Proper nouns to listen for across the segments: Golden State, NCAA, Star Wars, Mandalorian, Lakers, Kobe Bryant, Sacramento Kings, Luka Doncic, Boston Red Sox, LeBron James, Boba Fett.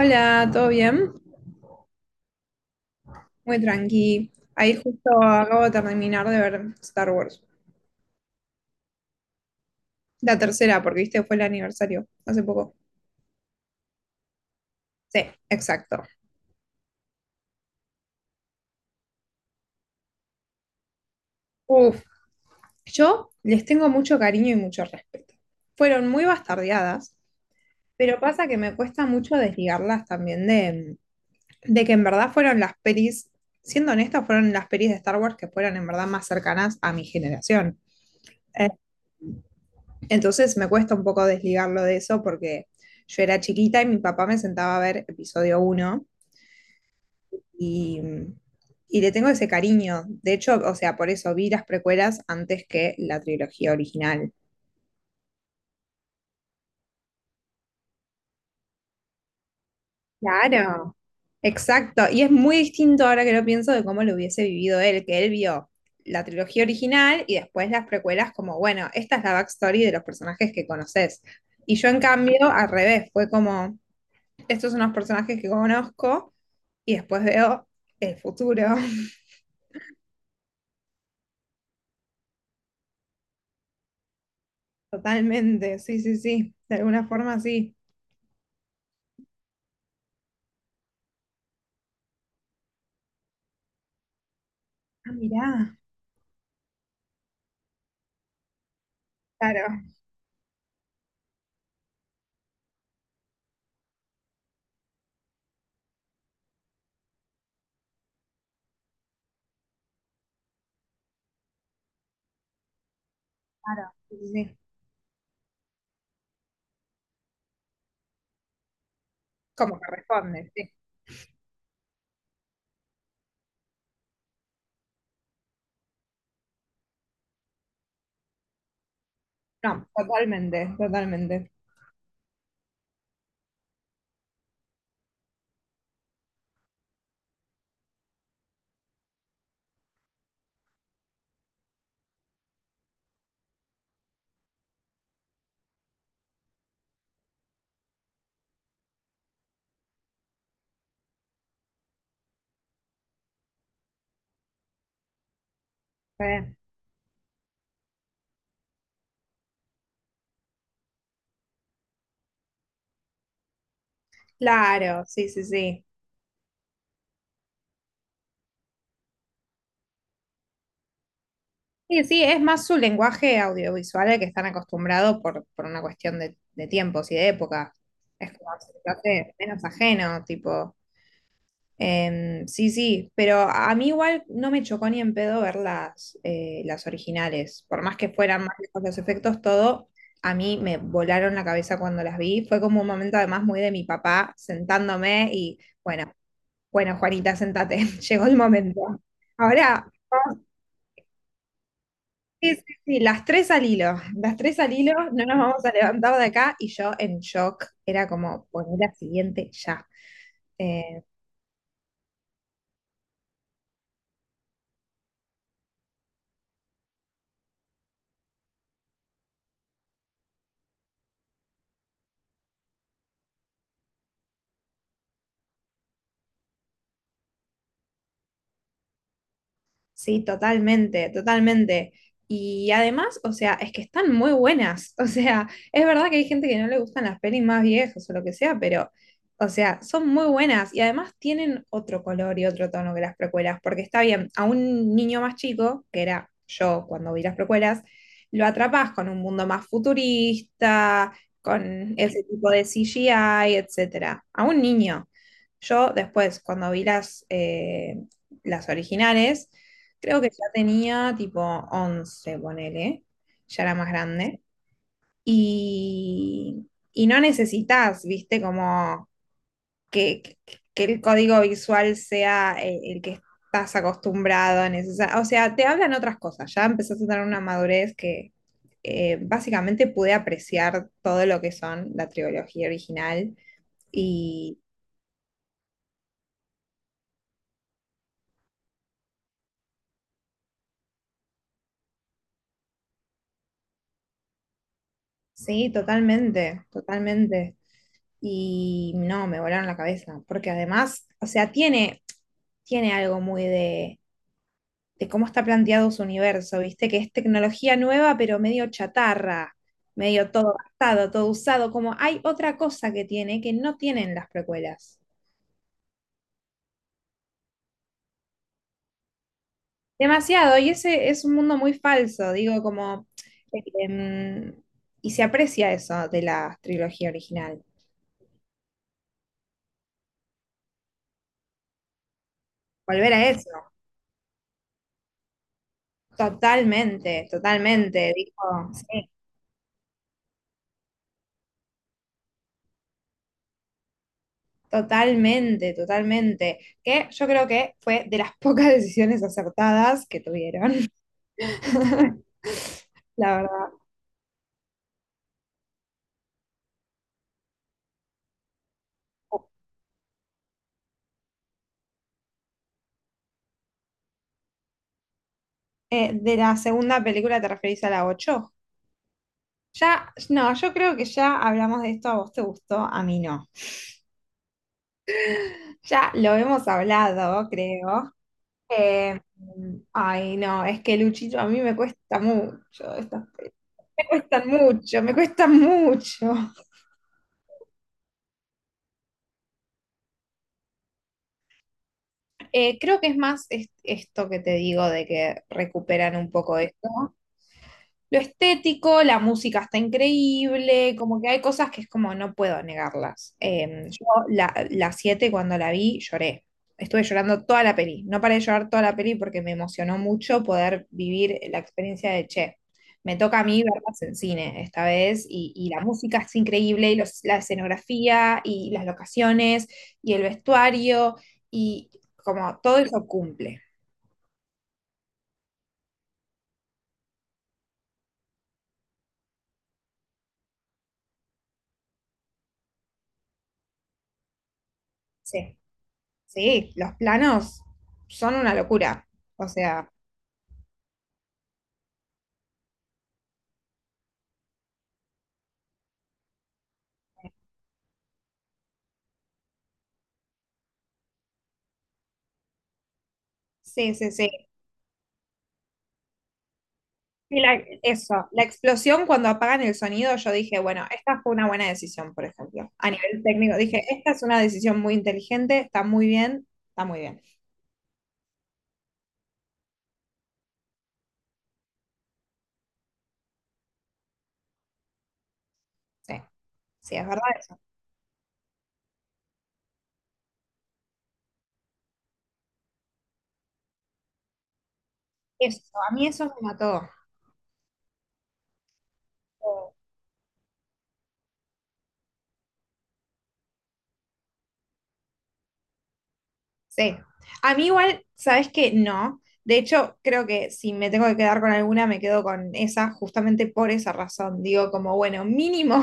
Hola, ¿todo bien? Muy tranqui. Ahí justo acabo de terminar de ver Star Wars. La tercera, porque viste, fue el aniversario hace poco. Sí, exacto. Uf, yo les tengo mucho cariño y mucho respeto. Fueron muy bastardeadas, pero pasa que me cuesta mucho desligarlas también de que en verdad fueron las pelis, siendo honestas, fueron las pelis de Star Wars que fueron en verdad más cercanas a mi generación. Entonces me cuesta un poco desligarlo de eso porque yo era chiquita y mi papá me sentaba a ver episodio uno y, y le tengo ese cariño. De hecho, o sea, por eso vi las precuelas antes que la trilogía original. Claro. Exacto, y es muy distinto ahora que lo pienso de cómo lo hubiese vivido él, que él vio la trilogía original y después las precuelas como, bueno, esta es la backstory de los personajes que conoces. Y yo en cambio, al revés, fue como, estos son los personajes que conozco. Y después veo el futuro. Totalmente, sí, sí, sí, de alguna forma sí. Ah, mirá, claro, claro, sí, sí, sí. Como corresponde, sí. No, totalmente, totalmente. Re. Claro, sí, sí, sí. Sí, sí, es más su lenguaje audiovisual al que están acostumbrados por una cuestión de tiempos y de época. Es como se te hace menos ajeno, tipo. Sí, sí, pero a mí igual no me chocó ni en pedo ver las originales. Por más que fueran más lejos los efectos, todo, a mí me volaron la cabeza cuando las vi. Fue como un momento además muy de mi papá sentándome y bueno, bueno, Juanita, sentate, llegó el momento. Ahora, vamos- sí, sí, sí, las tres al hilo, las tres al hilo, no nos vamos a levantar de acá y yo en shock, era como poner la siguiente ya. Em, Sí, totalmente, totalmente. Y además, o sea, es que están muy buenas. O sea, es verdad que hay gente que no le gustan las pelis más viejas o lo que sea, pero, o sea, son muy buenas. Y además tienen otro color y otro tono que las precuelas, porque está bien, a un niño más chico, que era yo cuando vi las precuelas, lo atrapas con un mundo más futurista, con ese tipo de CGI, etcétera. A un niño. Yo después, cuando vi las originales, creo que ya tenía tipo 11 ponele, ya era más grande. Y no necesitas, viste, como que el código visual sea el que estás acostumbrado a necesitar, o sea, te hablan otras cosas, ya empezás a tener una madurez que básicamente pude apreciar todo lo que son la trilogía original. Y sí, totalmente, totalmente. Y no, me volaron la cabeza, porque además, o sea, tiene algo muy de cómo está planteado su universo, ¿viste? Que es tecnología nueva, pero medio chatarra, medio todo gastado, todo usado, como hay otra cosa que tiene que no tienen las precuelas. Demasiado, y ese es un mundo muy falso, digo, como... em, y se aprecia eso de la trilogía original. Volver a eso, totalmente, totalmente, digo, sí. Totalmente, totalmente. Que yo creo que fue de las pocas decisiones acertadas que tuvieron, la verdad. De la segunda película te referís a la ocho. Ya, no, yo creo que ya hablamos de esto, a vos te gustó, a mí no. Ya lo hemos hablado, creo. Eh, Ay, no, es que Luchito a mí me cuesta mucho, me cuestan mucho, me cuestan mucho. Creo que es más esto que te digo de que recuperan un poco esto, lo estético, la música está increíble, como que hay cosas que es como no puedo negarlas. Yo la 7 cuando la vi lloré, estuve llorando toda la peli, no paré de llorar toda la peli porque me emocionó mucho poder vivir la experiencia de Che. Me toca a mí verlas en cine esta vez y la música es increíble y la escenografía y las locaciones y el vestuario y como todo eso cumple. Sí, sí, los planos son una locura. O sea, sí, sí, sí. Y eso, la explosión cuando apagan el sonido, yo dije, bueno, esta fue una buena decisión, por ejemplo. A nivel técnico, dije, esta es una decisión muy inteligente, está muy bien, está muy bien. Sí, sí, es verdad eso. Eso, a mí eso me mató. Sí. A mí igual, ¿sabes qué? No. De hecho, creo que si me tengo que quedar con alguna, me quedo con esa, justamente por esa razón. Digo, como, bueno, mínimo.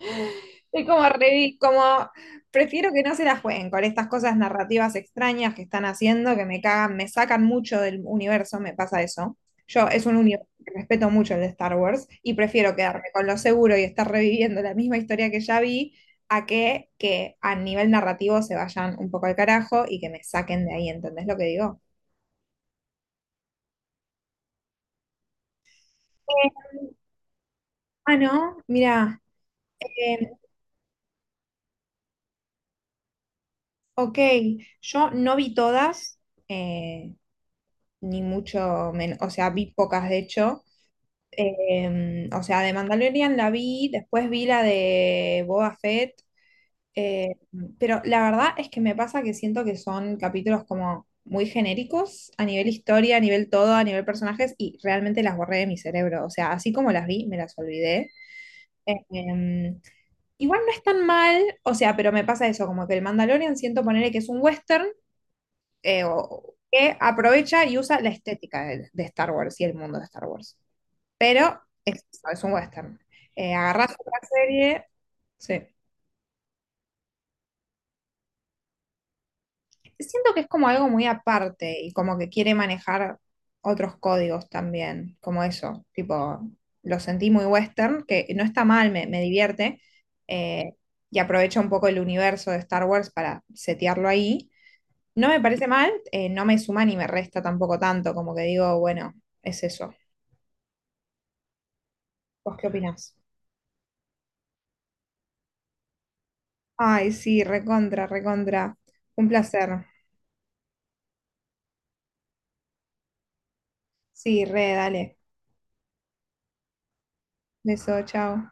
Es como, como, prefiero que no se la jueguen con estas cosas narrativas extrañas que están haciendo, que me cagan, me sacan mucho del universo, me pasa eso. Yo es un universo que respeto mucho el de Star Wars y prefiero quedarme con lo seguro y estar reviviendo la misma historia que ya vi a que a nivel narrativo se vayan un poco al carajo y que me saquen de ahí, ¿entendés lo que digo? Eh, ah, no, mira, eh, ok, yo no vi todas, eh, ni mucho menos, o sea, vi pocas de hecho. O sea, de Mandalorian la vi, después vi la de Boba Fett. Eh, pero la verdad es que me pasa que siento que son capítulos como muy genéricos a nivel historia, a nivel todo, a nivel personajes, y realmente las borré de mi cerebro. O sea, así como las vi, me las olvidé. Eh, em, igual no es tan mal, o sea, pero me pasa eso, como que el Mandalorian siento ponerle que es un western, que aprovecha y usa la estética de Star Wars y el mundo de Star Wars. Pero es un western. Agarrás otra serie, sí. Siento que es como algo muy aparte y como que quiere manejar otros códigos también, como eso, tipo, lo sentí muy western, que no está mal, me divierte, eh, y aprovecha un poco el universo de Star Wars para setearlo ahí. No me parece mal, no me suma ni me resta tampoco tanto, como que digo, bueno, es eso. ¿Vos qué opinás? Ay, sí, recontra, recontra. Un placer. Sí, re, dale. Beso, chao.